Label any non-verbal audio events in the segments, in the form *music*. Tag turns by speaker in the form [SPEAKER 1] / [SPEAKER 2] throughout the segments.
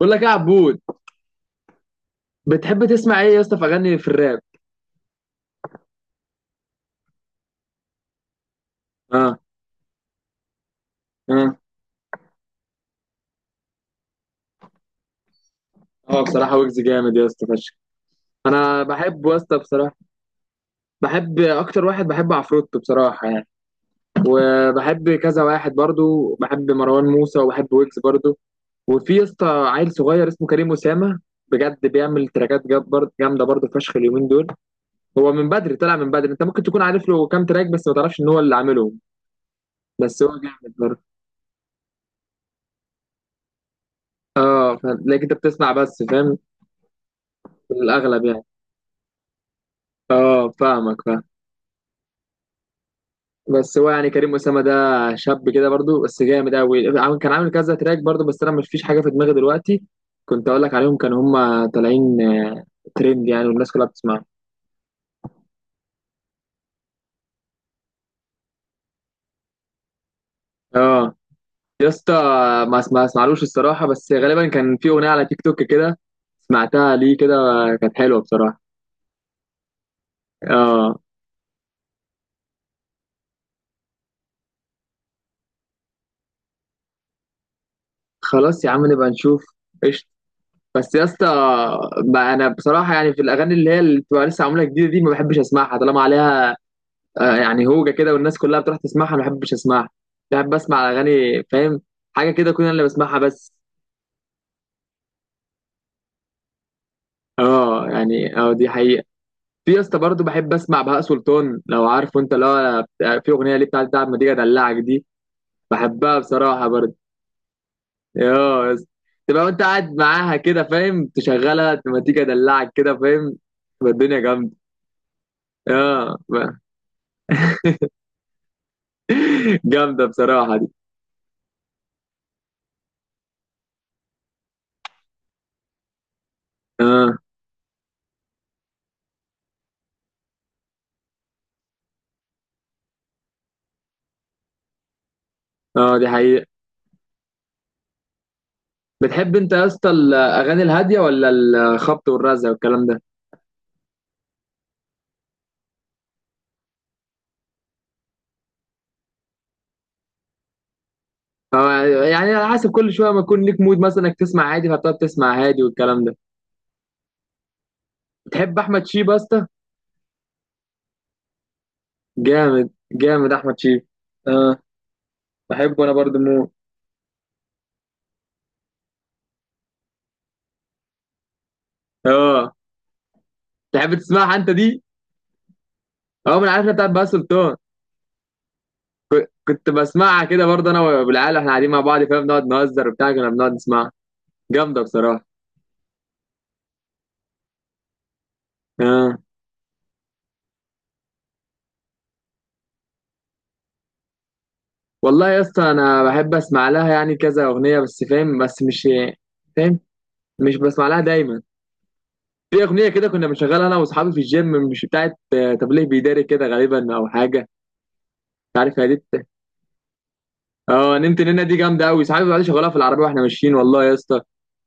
[SPEAKER 1] بقول لك ايه يا عبود؟ بتحب تسمع ايه يا اسطى في اغاني في الراب؟ اه، اه، اه، بصراحه ويجز جامد يا اسطى فشخ. انا بحبه يا اسطى بصراحه، بحب اكتر واحد بحب عفروتو بصراحه يعني. وبحب كذا واحد برضو، بحب مروان موسى وبحب ويجز برضو. وفي يا اسطى عيل صغير اسمه كريم اسامه، بجد بيعمل تراكات جامده برضه فشخ اليومين دول. هو من بدري، طلع من بدري. انت ممكن تكون عارف له كام تراك بس ما تعرفش ان هو اللي عاملهم. بس هو جامد برضه. اه، لكن انت بتسمع بس فاهم. في الاغلب يعني. اه، فاهمك فاهم. بس هو يعني كريم أسامة ده شاب كده برضو بس جامد قوي. كان عامل كذا تراك برضو بس انا مش فيش حاجه في دماغي دلوقتي كنت اقول لك عليهم، كانوا هم طالعين ترند يعني، والناس كلها بتسمعهم. اه يا اسطى، ما اسمعلوش الصراحه، بس غالبا كان في اغنيه على تيك توك كده سمعتها ليه كده، كانت حلوه بصراحه. اه، خلاص يا عم، نبقى نشوف، قشطه. بس يا اسطى، بقى انا بصراحه يعني في الاغاني اللي بتبقى لسه معموله جديده دي ما بحبش اسمعها، طالما عليها يعني هوجة كده والناس كلها بتروح تسمعها ما بحبش اسمعها. بحب اسمع اغاني فاهم حاجه كده، كل انا اللي بسمعها بس. اه، يعني اه، دي حقيقه. في يا اسطى برضه بحب اسمع بهاء سلطان، لو عارفه انت، اللي هو في اغنيه ليه بتاعت ما تيجي ادلعك دي، بحبها بصراحه برضه. اه يا اسطى، تبقى وانت قاعد معاها كده فاهم، تشغلها ما تيجي ادلعك كده فاهم، تبقى الدنيا جامده. اه، *laughs* جامده بصراحه دي. اه، اه، دي حقيقه. بتحب انت يا اسطى الاغاني الهاديه ولا الخبط والرزع والكلام ده؟ أو يعني على حسب، كل شويه ما يكون ليك مود مثلا انك تسمع عادي، فبتقعد تسمع هادي والكلام ده. بتحب احمد شيب يا اسطى؟ جامد جامد احمد شيب. اه، بحبه انا برضه موت. اه، تحب تسمعها انت دي؟ اه، من عارفها بتاعت بقى سلطان، كنت بسمعها كده برضه انا والعيال، احنا قاعدين مع بعض فاهم بنقعد نهزر وبتاع، كنا بنقعد نسمعها، جامده بصراحه. اه والله يا اسطى، انا بحب اسمع لها يعني كذا اغنيه بس فاهم، بس مش فاهم، مش بسمع لها دايما. في اغنيه كده كنا بنشغلها انا واصحابي في الجيم، مش بتاعت تبليغ بيداري كده غالبا او حاجه، مش عارف هي دي اه، نمت نينا دي جامده قوي، صحابي بيقعدوا يشغلوها في العربيه واحنا ماشيين، والله يا اسطى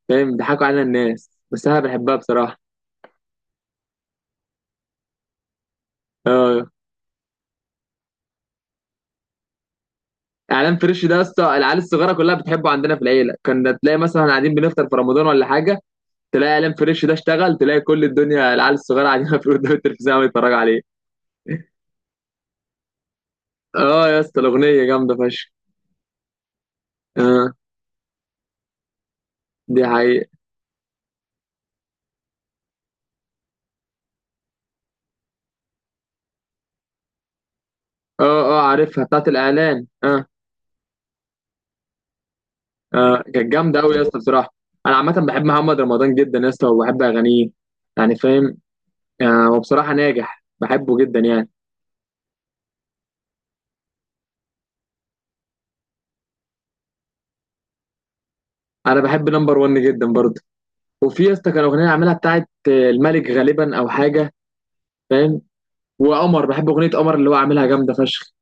[SPEAKER 1] فاهم ضحكوا علينا الناس، بس انا بحبها بصراحه. اه، اعلان فريش ده يا اسطى العيال الصغيره كلها بتحبه، عندنا في العيله كنا تلاقي مثلا قاعدين بنفطر في رمضان ولا حاجه، تلاقي اعلان فريش ده اشتغل، تلاقي كل الدنيا العيال الصغيره قاعدين *laughs* في قدام التلفزيون عم يتفرجوا عليه. اه يا اسطى الاغنيه جامده فشخ. اه، دي حقيقة. اه، اه، عارفها بتاعت الاعلان، اه. اه، كانت جامده قوي يا اسطى بصراحه. انا عامه بحب محمد رمضان جدا يا اسطى، وبحب اغانيه يعني فاهم. هو بصراحه ناجح، بحبه جدا يعني. انا بحب نمبر 1 جدا برضه. وفي يا اسطى كان اغنيه عاملها بتاعت الملك غالبا او حاجه فاهم. وقمر، بحب اغنيه قمر اللي هو عاملها جامده فشخ،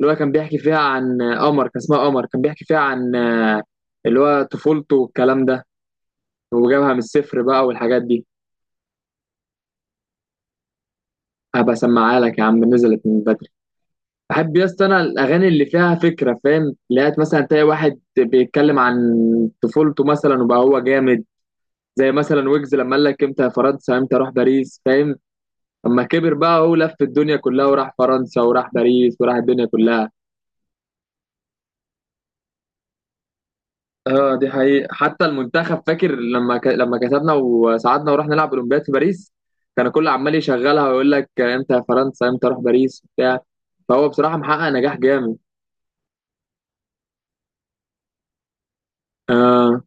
[SPEAKER 1] اللي هو كان بيحكي فيها عن قمر، كان اسمها قمر، كان بيحكي فيها عن اللي هو طفولته والكلام ده، وجابها من الصفر بقى والحاجات دي. هبقى اسمعها لك يا عم، نزلت من. بحب يا اسطى انا الاغاني اللي فيها فكره فاهم، لقيت مثلا تلاقي واحد بيتكلم عن طفولته مثلا وبقى هو جامد. زي مثلا ويجز لما قال لك امتى يا فرنسا، امتى اروح باريس فاهم، اما كبر بقى هو لف الدنيا كلها وراح فرنسا وراح باريس وراح الدنيا كلها. اه، دي حقيقة، حتى المنتخب فاكر لما كسبنا وصعدنا ورحنا نلعب اولمبياد في باريس، كان الكل عمال يشغلها ويقول لك امتى يا فرنسا امتى اروح باريس وبتاع، فهو بصراحة محقق نجاح جامد. اه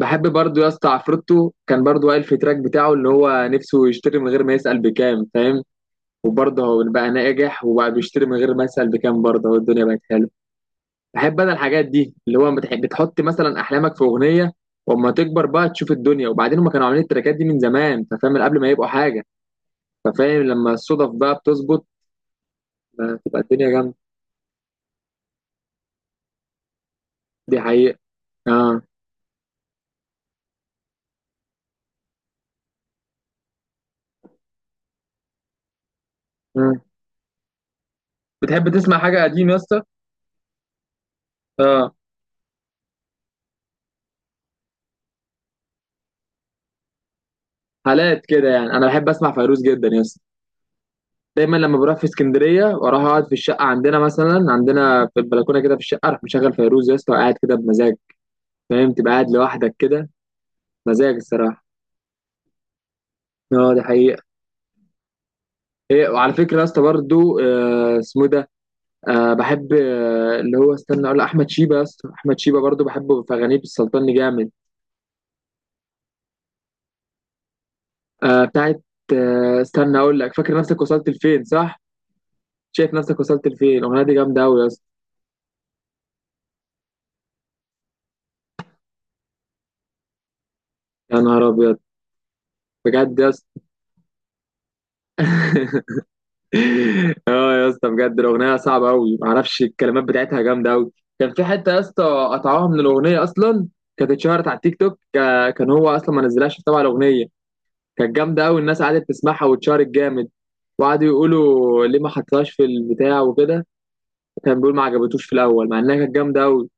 [SPEAKER 1] بحب برضو يا اسطى عفروتو، كان برضو قال في تراك بتاعه اللي هو نفسه يشتري من غير ما يسأل بكام فاهم، وبرضه هو بقى ناجح وبقى بيشتري من غير ما يسأل بكام برضه، هو الدنيا بقت حلوه. بحب انا الحاجات دي اللي هو بتحط مثلا احلامك في اغنيه، واما تكبر بقى تشوف الدنيا. وبعدين هم كانوا عاملين التراكات دي من زمان، انت فاهم من قبل ما يبقوا حاجه، ففاهم لما الصدف بقى بتظبط تبقى الدنيا جامده. دي حقيقه. اه. مم. بتحب تسمع حاجه قديم يا اسطى؟ اه، حالات كده يعني، انا بحب اسمع فيروز جدا يا اسطى، دايما لما بروح في اسكندريه واروح اقعد في الشقه عندنا مثلا، عندنا في البلكونه كده في الشقه، اروح مشغل فيروز يا اسطى وقاعد كده بمزاج فاهم، تبقى قاعد لوحدك كده، مزاج الصراحه. اه، دي حقيقه. ايه، وعلى فكره يا اسطى برضو اسمه إيه ده، بحب اللي هو استنى اقول، احمد شيبه يا اسطى، احمد شيبه برضو بحبه، في اغانيه بالسلطان جامد بتاعت استنى اقول لك، فاكر نفسك وصلت لفين صح؟ شايف نفسك وصلت لفين، الاغنيه دي جامده قوي يا اسطى. يا نهار ابيض، بجد يا اسطى. *laughs* يا اسطى بجد الاغنيه صعبه قوي، معرفش الكلمات بتاعتها جامده قوي. كان في حته يا اسطى قطعوها من الاغنيه اصلا، كانت اتشهرت على التيك توك كان هو اصلا ما نزلهاش طبعا الاغنيه، كانت جامده قوي، الناس قعدت تسمعها واتشهرت جامد، وقعدوا يقولوا ليه ما حطهاش في البتاع وكده. كان بيقول ما عجبتوش في الاول، مع انها كانت جامده قوي.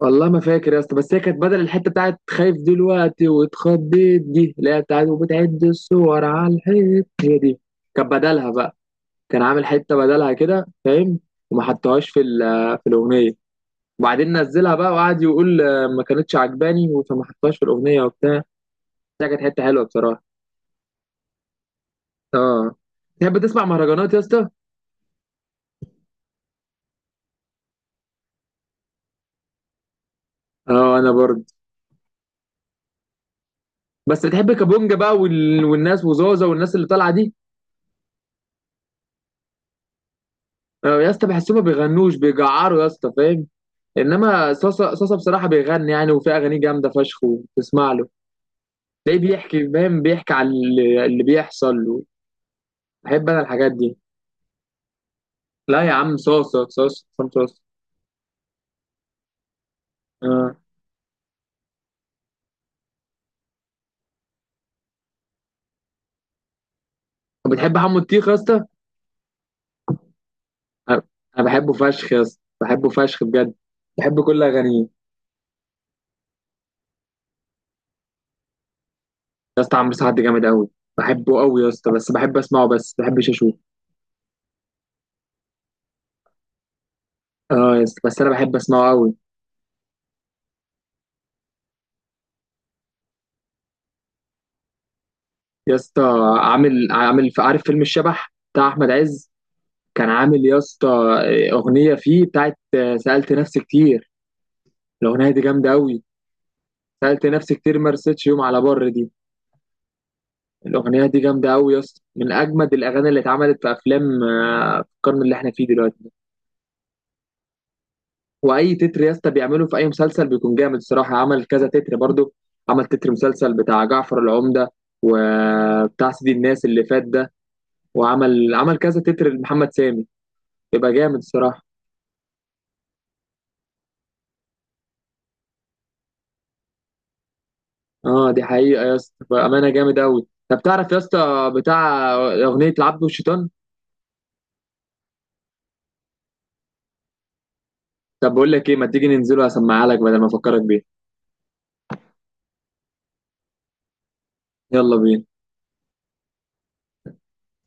[SPEAKER 1] والله ما فاكر يا اسطى، بس هي كانت بدل الحته بتاعت خايف دلوقتي واتخضيت دي، اللي هي بتاعت وبتعد الصور على الحيط، هي دي. كانت بدلها بقى، كان عامل حته بدلها كده فاهم، وما حطهاش في في الاغنيه. وبعدين نزلها بقى وقعد يقول ما كانتش عجباني فما حطهاش في الاغنيه وبتاع، ده كانت حته حلوه بصراحه. اه، تحب تسمع مهرجانات يا اسطى؟ اه انا برضه. بس بتحب كابونجا بقى، والناس وزوزة والناس اللي طالعه دي؟ يا اسطى بحسهم ما بيغنوش، بيجعروا يا اسطى فاهم، انما صاصا صاصا بصراحه بيغني يعني، وفي اغاني جامده فشخ وتسمع له، تلاقيه بيحكي فاهم، بيحكي على اللي بيحصل له، بحب انا الحاجات دي. لا يا عم، صوص صوص صوص، عصام صوص. آه. طب بتحب حمو الطيخ يا اسطى؟ انا بحبه فشخ يا اسطى، بحبه فشخ بجد، بحب كل اغانيه. يا اسطى عمرو سعد جامد قوي، بحبه قوي يا اسطى بس بحب اسمعه، بس ما بحبش اشوفه. اه يا اسطى، بس انا بحب اسمعه قوي. يا اسطى عامل عارف فيلم الشبح بتاع احمد عز؟ كان عامل يا اسطى اغنيه فيه بتاعت سالت نفسي كتير، الاغنيه دي جامده قوي. سالت نفسي كتير، ما رستش يوم على بر، دي الأغنية دي جامدة أوي يا اسطى، من أجمد الأغاني اللي اتعملت في أفلام في القرن اللي احنا فيه دلوقتي ده. وأي تتر يا اسطى بيعمله في أي مسلسل بيكون جامد الصراحة، عمل كذا تتر برضو، عمل تتر مسلسل بتاع جعفر العمدة وبتاع سيدي الناس اللي فات ده، وعمل كذا تتر لمحمد سامي. يبقى جامد الصراحة. اه دي حقيقة يا اسطى، بأمانة جامد أوي. طب تعرف يا اسطى بتاع أغنية العبد والشيطان؟ طب بقول لك إيه، ما تيجي ننزله هسمعها لك بدل ما أفكرك بيها، يلا بينا.